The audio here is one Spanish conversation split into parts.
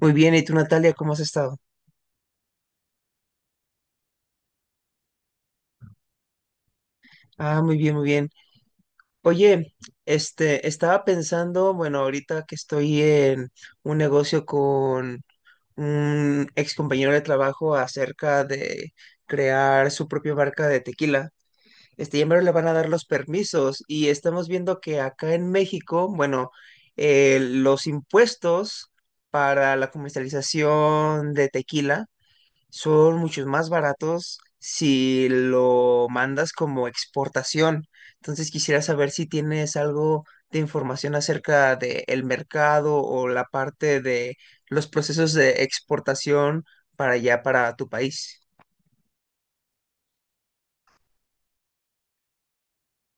Muy bien, ¿y tú, Natalia, cómo has estado? Ah, muy bien, muy bien. Oye, estaba pensando, bueno, ahorita que estoy en un negocio con un ex compañero de trabajo acerca de crear su propia marca de tequila. Ya me le van a dar los permisos y estamos viendo que acá en México, bueno, los impuestos para la comercialización de tequila son muchos más baratos si lo mandas como exportación. Entonces quisiera saber si tienes algo de información acerca del mercado o la parte de los procesos de exportación para allá, para tu país.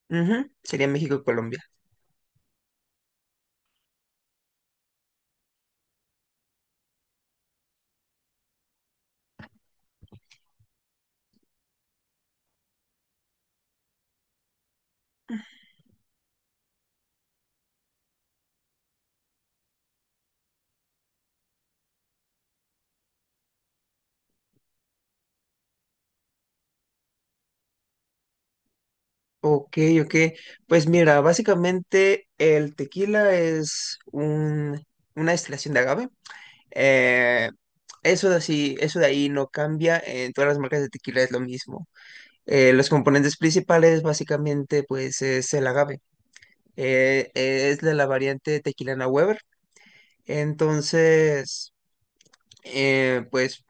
Ujú, sería México y Colombia. Ok, ok. Pues mira, básicamente el tequila una destilación de agave. Eh, eso de ahí no cambia, en todas las marcas de tequila es lo mismo. Los componentes principales básicamente pues es el agave. Es de la variante Tequilana Weber. Entonces, pues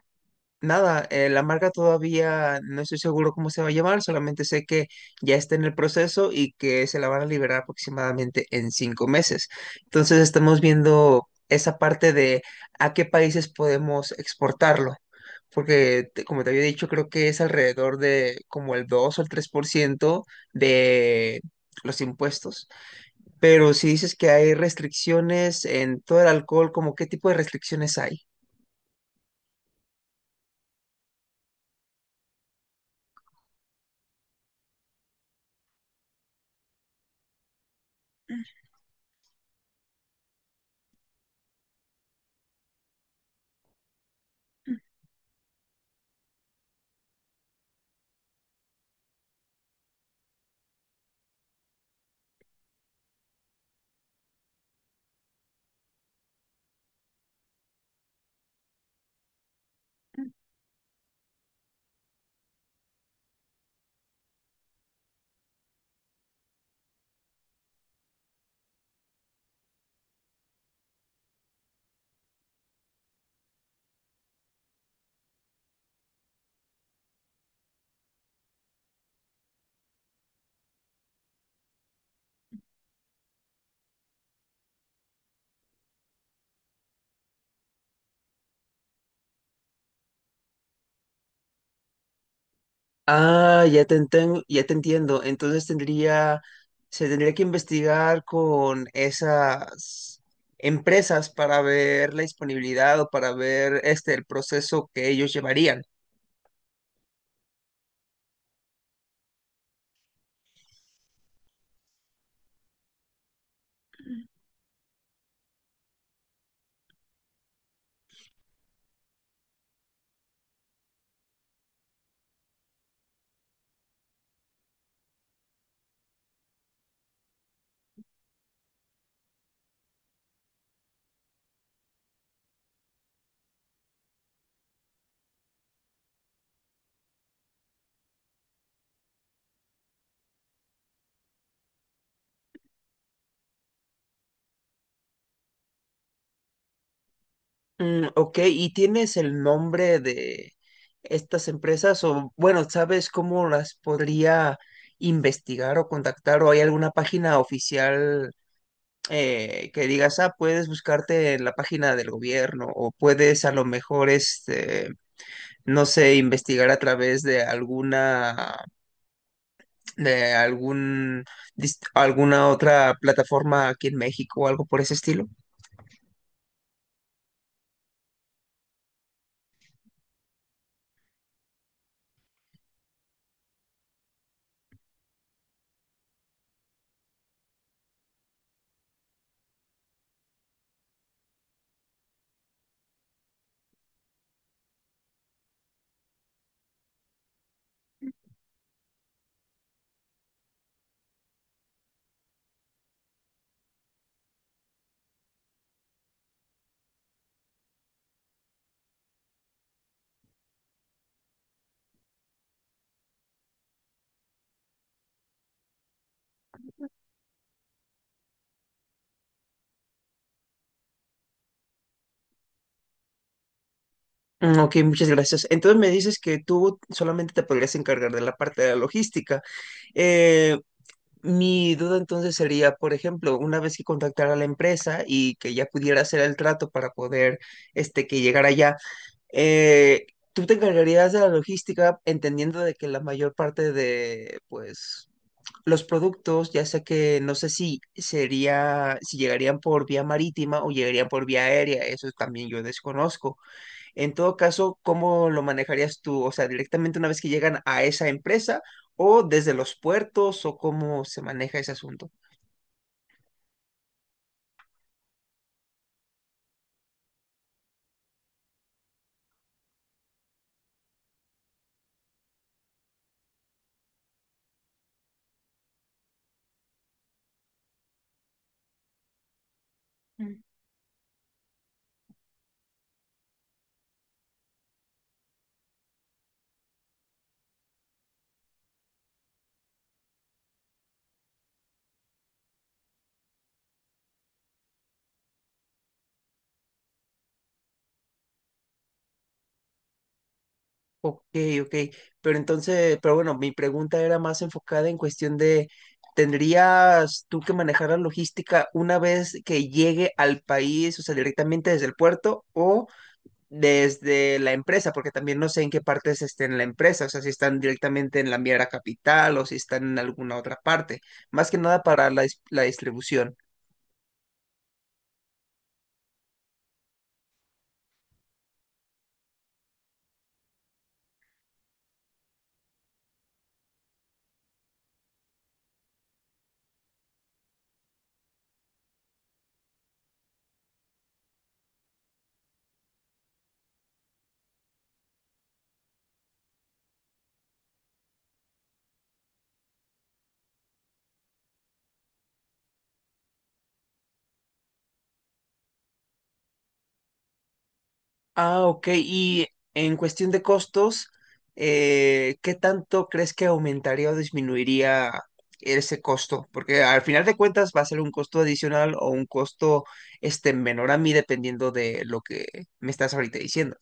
nada, la marca todavía no estoy seguro cómo se va a llamar, solamente sé que ya está en el proceso y que se la van a liberar aproximadamente en 5 meses. Entonces estamos viendo esa parte de a qué países podemos exportarlo porque como te había dicho, creo que es alrededor de como el 2 o el 3% de los impuestos. Pero si dices que hay restricciones en todo el alcohol, ¿como qué tipo de restricciones hay? Ah, ya te entiendo. Se tendría que investigar con esas empresas para ver la disponibilidad o para ver este el proceso que ellos llevarían. Mm, ok, ¿y tienes el nombre de estas empresas o, bueno, ¿sabes cómo las podría investigar o contactar o hay alguna página oficial que digas, ah, puedes buscarte en la página del gobierno o puedes a lo mejor, este, no sé, investigar a través de alguna, de algún, dis- alguna otra plataforma aquí en México o algo por ese estilo? Mm, ok, muchas gracias. Entonces me dices que tú solamente te podrías encargar de la parte de la logística. Eh, mi duda entonces sería, por ejemplo, una vez que contactara a la empresa y que ya pudiera hacer el trato para poder, este, que llegara allá, eh, ¿tú te encargarías de la logística entendiendo de que la mayor parte de, pues... Los productos, ya sea que no sé si sería, si llegarían por vía marítima o llegarían por vía aérea, eso también yo desconozco? En todo caso, ¿cómo lo manejarías tú? O sea, directamente una vez que llegan a esa empresa o desde los puertos o cómo se maneja ese asunto. Ok, ok. Pero entonces, pero bueno, mi pregunta era más enfocada en cuestión de, ¿tendrías tú que manejar la logística una vez que llegue al país, o sea, directamente desde el puerto o desde la empresa, porque también no sé en qué partes estén en la empresa, o sea, si están directamente en la Miera Capital o si están en alguna otra parte, más que nada para la distribución? Ah, ok, y en cuestión de costos, ¿qué tanto crees que aumentaría o disminuiría ese costo? Porque al final de cuentas va a ser un costo adicional o un costo este, menor a mí dependiendo de lo que me estás ahorita diciendo.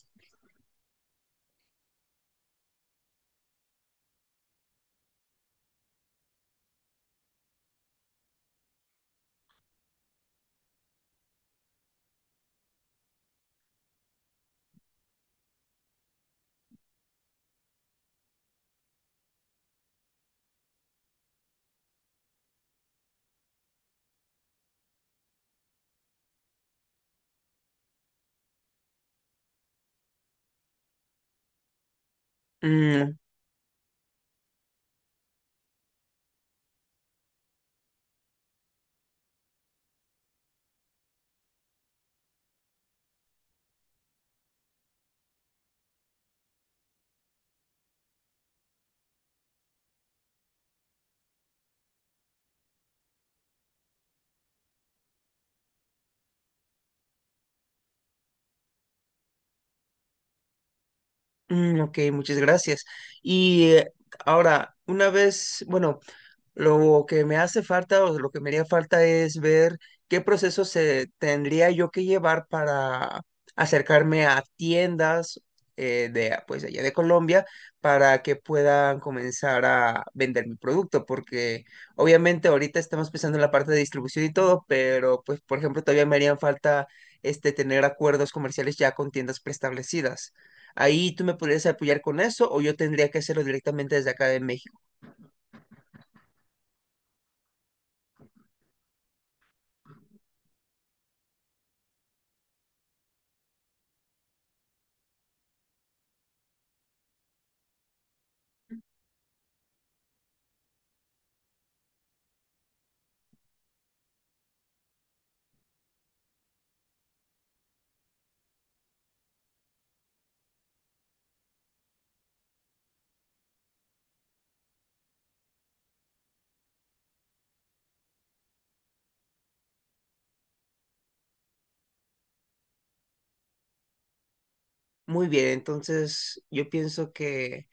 Mm. Mm, ok, muchas gracias. Y ahora, una vez, bueno, lo que me hace falta o lo que me haría falta es ver qué proceso se tendría yo que llevar para acercarme a tiendas de, pues, allá de Colombia para que puedan comenzar a vender mi producto, porque obviamente ahorita estamos pensando en la parte de distribución y todo, pero pues por ejemplo todavía me harían falta este tener acuerdos comerciales ya con tiendas preestablecidas. Ahí tú me podrías apoyar con eso o yo tendría que hacerlo directamente desde acá de México. Muy bien, entonces yo pienso que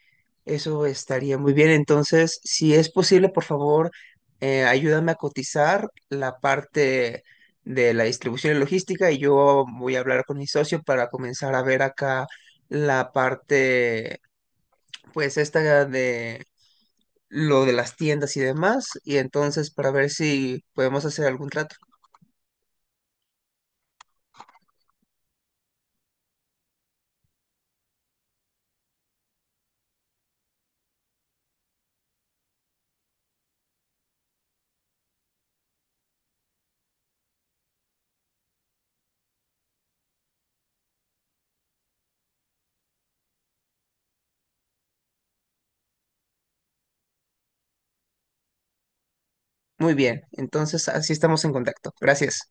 eso estaría muy bien. Entonces, si es posible, por favor, ayúdame a cotizar la parte de la distribución y logística y yo voy a hablar con mi socio para comenzar a ver acá la parte, pues esta de lo de las tiendas y demás, y entonces para ver si podemos hacer algún trato. Muy bien, entonces así estamos en contacto. Gracias.